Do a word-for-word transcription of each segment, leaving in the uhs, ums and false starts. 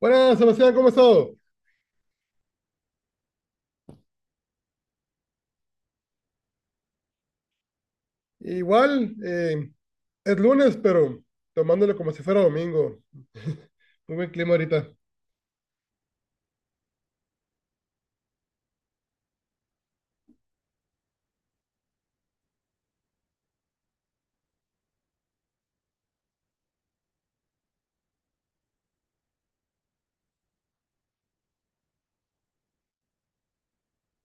Buenas, Sebastián, ¿cómo has estado? Igual, eh, es lunes, pero tomándolo como si fuera domingo. Muy buen clima ahorita.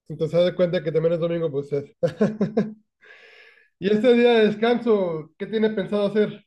Entonces, haz de cuenta que también es domingo, pues es. Y este día de descanso, ¿qué tiene pensado hacer?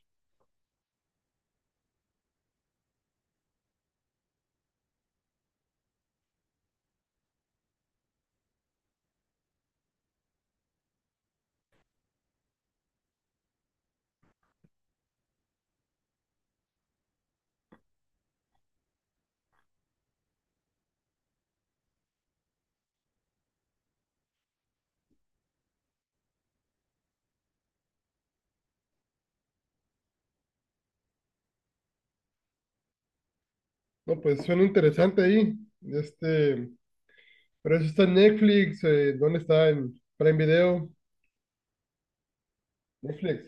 No, pues suena interesante ahí. Este, pero eso está en Netflix, eh, ¿dónde está? ¿En Prime Video, Netflix?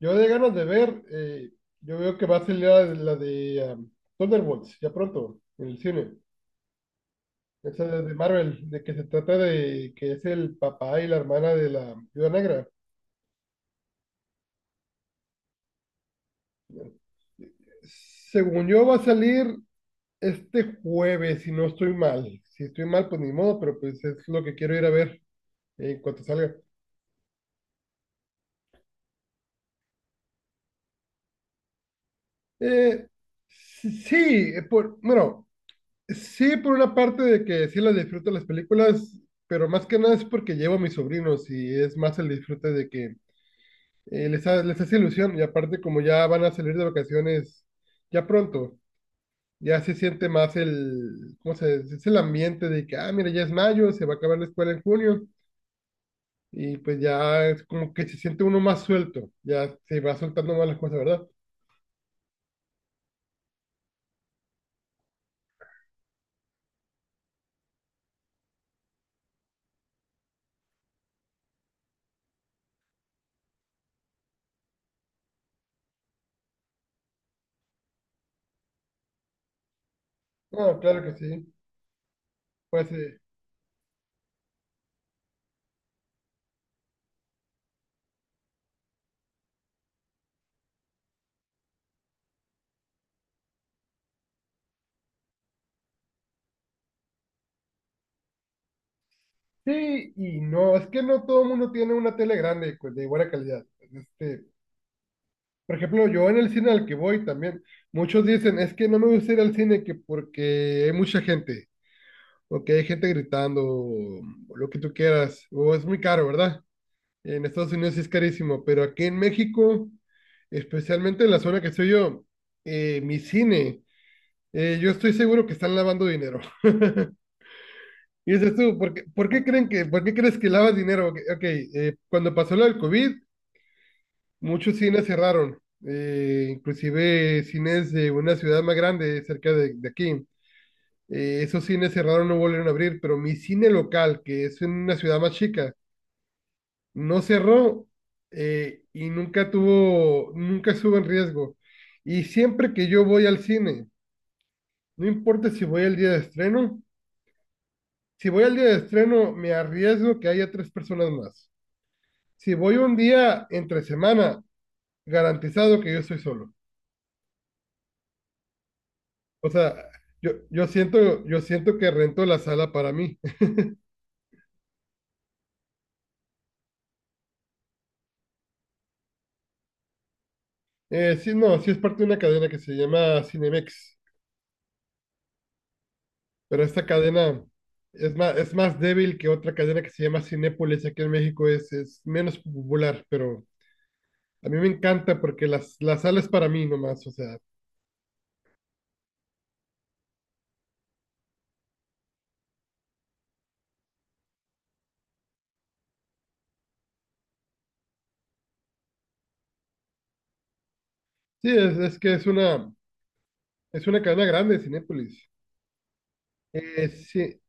Yo de ganas de ver, eh, yo veo que va a salir la, la de um, Thunderbolts, ya pronto, en el cine. Esa de de Marvel, de que se trata de que es el papá y la hermana de la Viuda Negra. Según yo, va a salir este jueves, si no estoy mal. Si estoy mal, pues ni modo, pero pues es lo que quiero ir a ver en cuanto salga. Eh, sí, eh, por, bueno, sí, por una parte de que sí las disfruto las películas, pero más que nada es porque llevo a mis sobrinos y es más el disfrute de que eh, les, ha- les hace ilusión. Y aparte, como ya van a salir de vacaciones ya pronto. Ya se siente más el, ¿cómo se dice? Es el ambiente de que, ah, mira, ya es mayo, se va a acabar la escuela en junio, y pues ya es como que se siente uno más suelto, ya se va soltando más las cosas, ¿verdad? No, claro que sí, pues eh, sí y no, es que no todo el mundo tiene una tele grande, pues, de buena calidad. Este, por ejemplo, yo en el cine al que voy también, muchos dicen, es que no me gusta ir al cine que porque hay mucha gente, o que hay gente gritando, o lo que tú quieras, o es muy caro, ¿verdad? En Estados Unidos sí es carísimo, pero aquí en México, especialmente en la zona que estoy yo, eh, mi cine, eh, yo estoy seguro que están lavando dinero. Y dices tú, ¿por qué, por qué creen que, ¿por qué crees que lavas dinero? Ok, ok, eh, cuando pasó lo del COVID, muchos cines cerraron, eh, inclusive cines de una ciudad más grande cerca de, de aquí. Eh, esos cines cerraron, no volvieron a abrir, pero mi cine local, que es en una ciudad más chica, no cerró eh, y nunca tuvo, nunca estuvo en riesgo. Y siempre que yo voy al cine, no importa si voy al día de estreno, si voy al día de estreno me arriesgo que haya tres personas más. Si voy un día entre semana, garantizado que yo estoy solo. O sea, yo, yo siento, yo siento que rento la sala para mí. Eh, sí, no, sí es parte de una cadena que se llama Cinemex. Pero esta cadena es más, es más débil que otra cadena que se llama Cinépolis aquí en México, es, es menos popular, pero a mí me encanta porque las, la sala es para mí nomás, o sea, sí, es, es que es una, es una cadena grande Cinépolis. Eh, sí,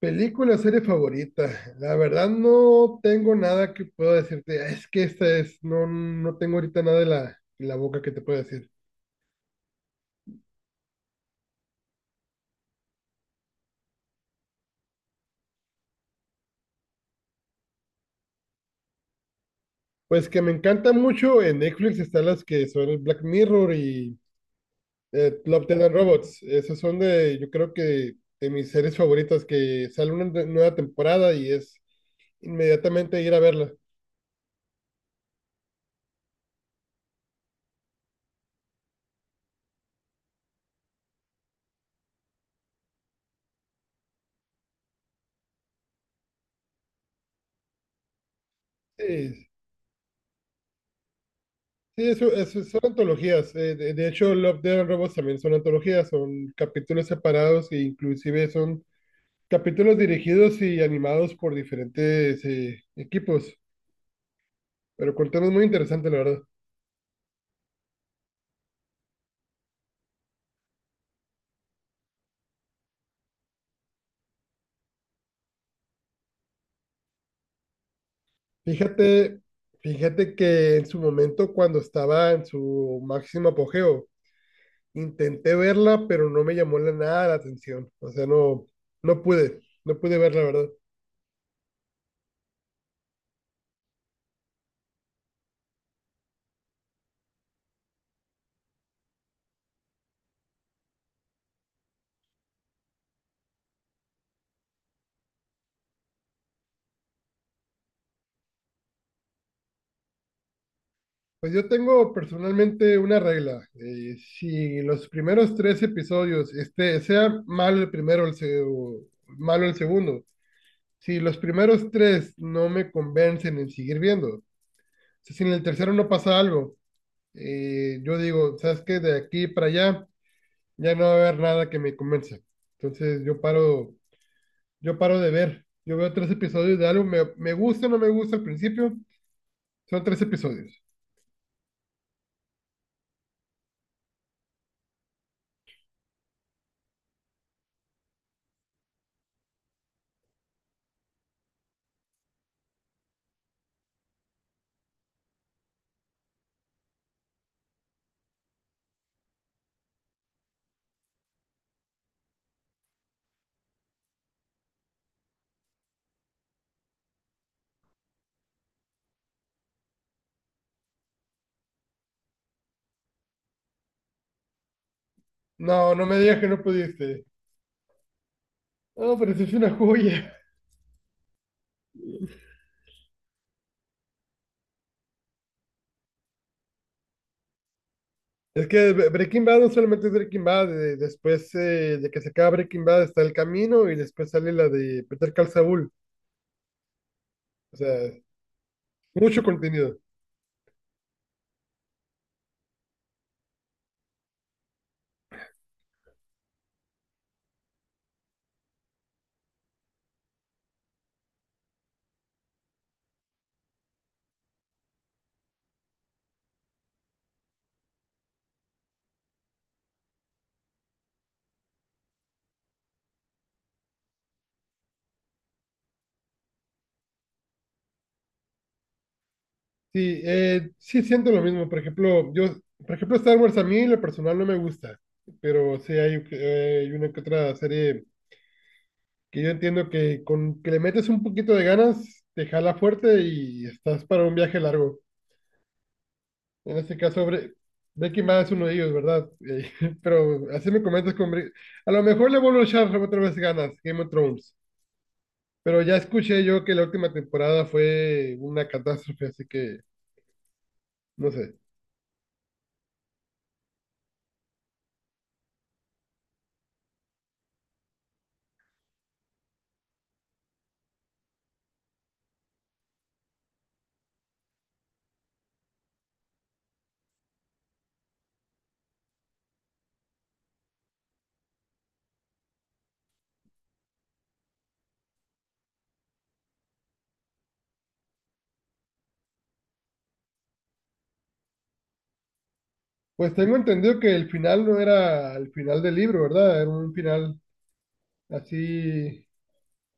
película, serie favorita, la verdad no tengo nada que pueda decirte, es que esta es, no, no tengo ahorita nada en la, en la boca que te pueda decir. Pues que me encanta mucho en Netflix están las que son el Black Mirror y Eh, Love, Death and Robots, esos son de, yo creo que de mis series favoritas, que sale una nue- nueva temporada y es inmediatamente ir a verla. Sí, sí, eso, eso son antologías. eh, de, de hecho, Love, Death and Robots también son antologías, son capítulos separados e inclusive son capítulos dirigidos y animados por diferentes eh, equipos, pero con temas muy interesantes, la verdad. Fíjate, fíjate que en su momento, cuando estaba en su máximo apogeo, intenté verla, pero no me llamó la- nada la atención. O sea, no, no pude, no pude verla, ¿verdad? Pues yo tengo personalmente una regla. eh, si los primeros tres episodios, este, sea malo el primero el se- o malo el segundo, si los primeros tres no me convencen en seguir viendo, o sea, si en el tercero no pasa algo, eh, yo digo, ¿sabes qué? De aquí para allá ya no va a haber nada que me convenza. Entonces yo paro yo paro de ver. Yo veo tres episodios de algo, me, me gusta o no me gusta al principio. Son tres episodios. No, no me digas que no pudiste. No, pero sí es una joya. Es que Bre- Breaking Bad no solamente es Breaking Bad, eh, después eh, de que se acaba Breaking Bad está El Camino y después sale la de Peter Call Saul. O sea, mucho contenido. Sí, eh, sí siento lo mismo. Por ejemplo, yo, por ejemplo, Star Wars a mí en lo personal no me gusta, pero sí hay, eh, hay una que otra serie que yo entiendo que con que le metes un poquito de ganas, te jala fuerte y estás para un viaje largo. En este caso, Bre Breaking Bad es uno de ellos, ¿verdad? Eh, pero así me comentas con... Bre- a lo mejor le vuelvo a echar otra vez ganas, Game of Thrones. Pero ya escuché yo que la última temporada fue una catástrofe, así que no sé. Pues tengo entendido que el final no era el final del libro, ¿verdad? Era un final así,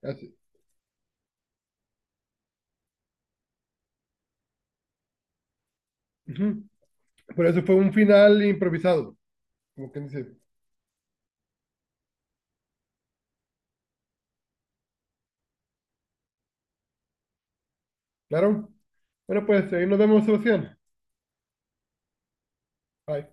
así. Ujú. Por eso fue un final improvisado, como que dice. Claro. Bueno, pues ahí nos vemos, Sebastián. Bye.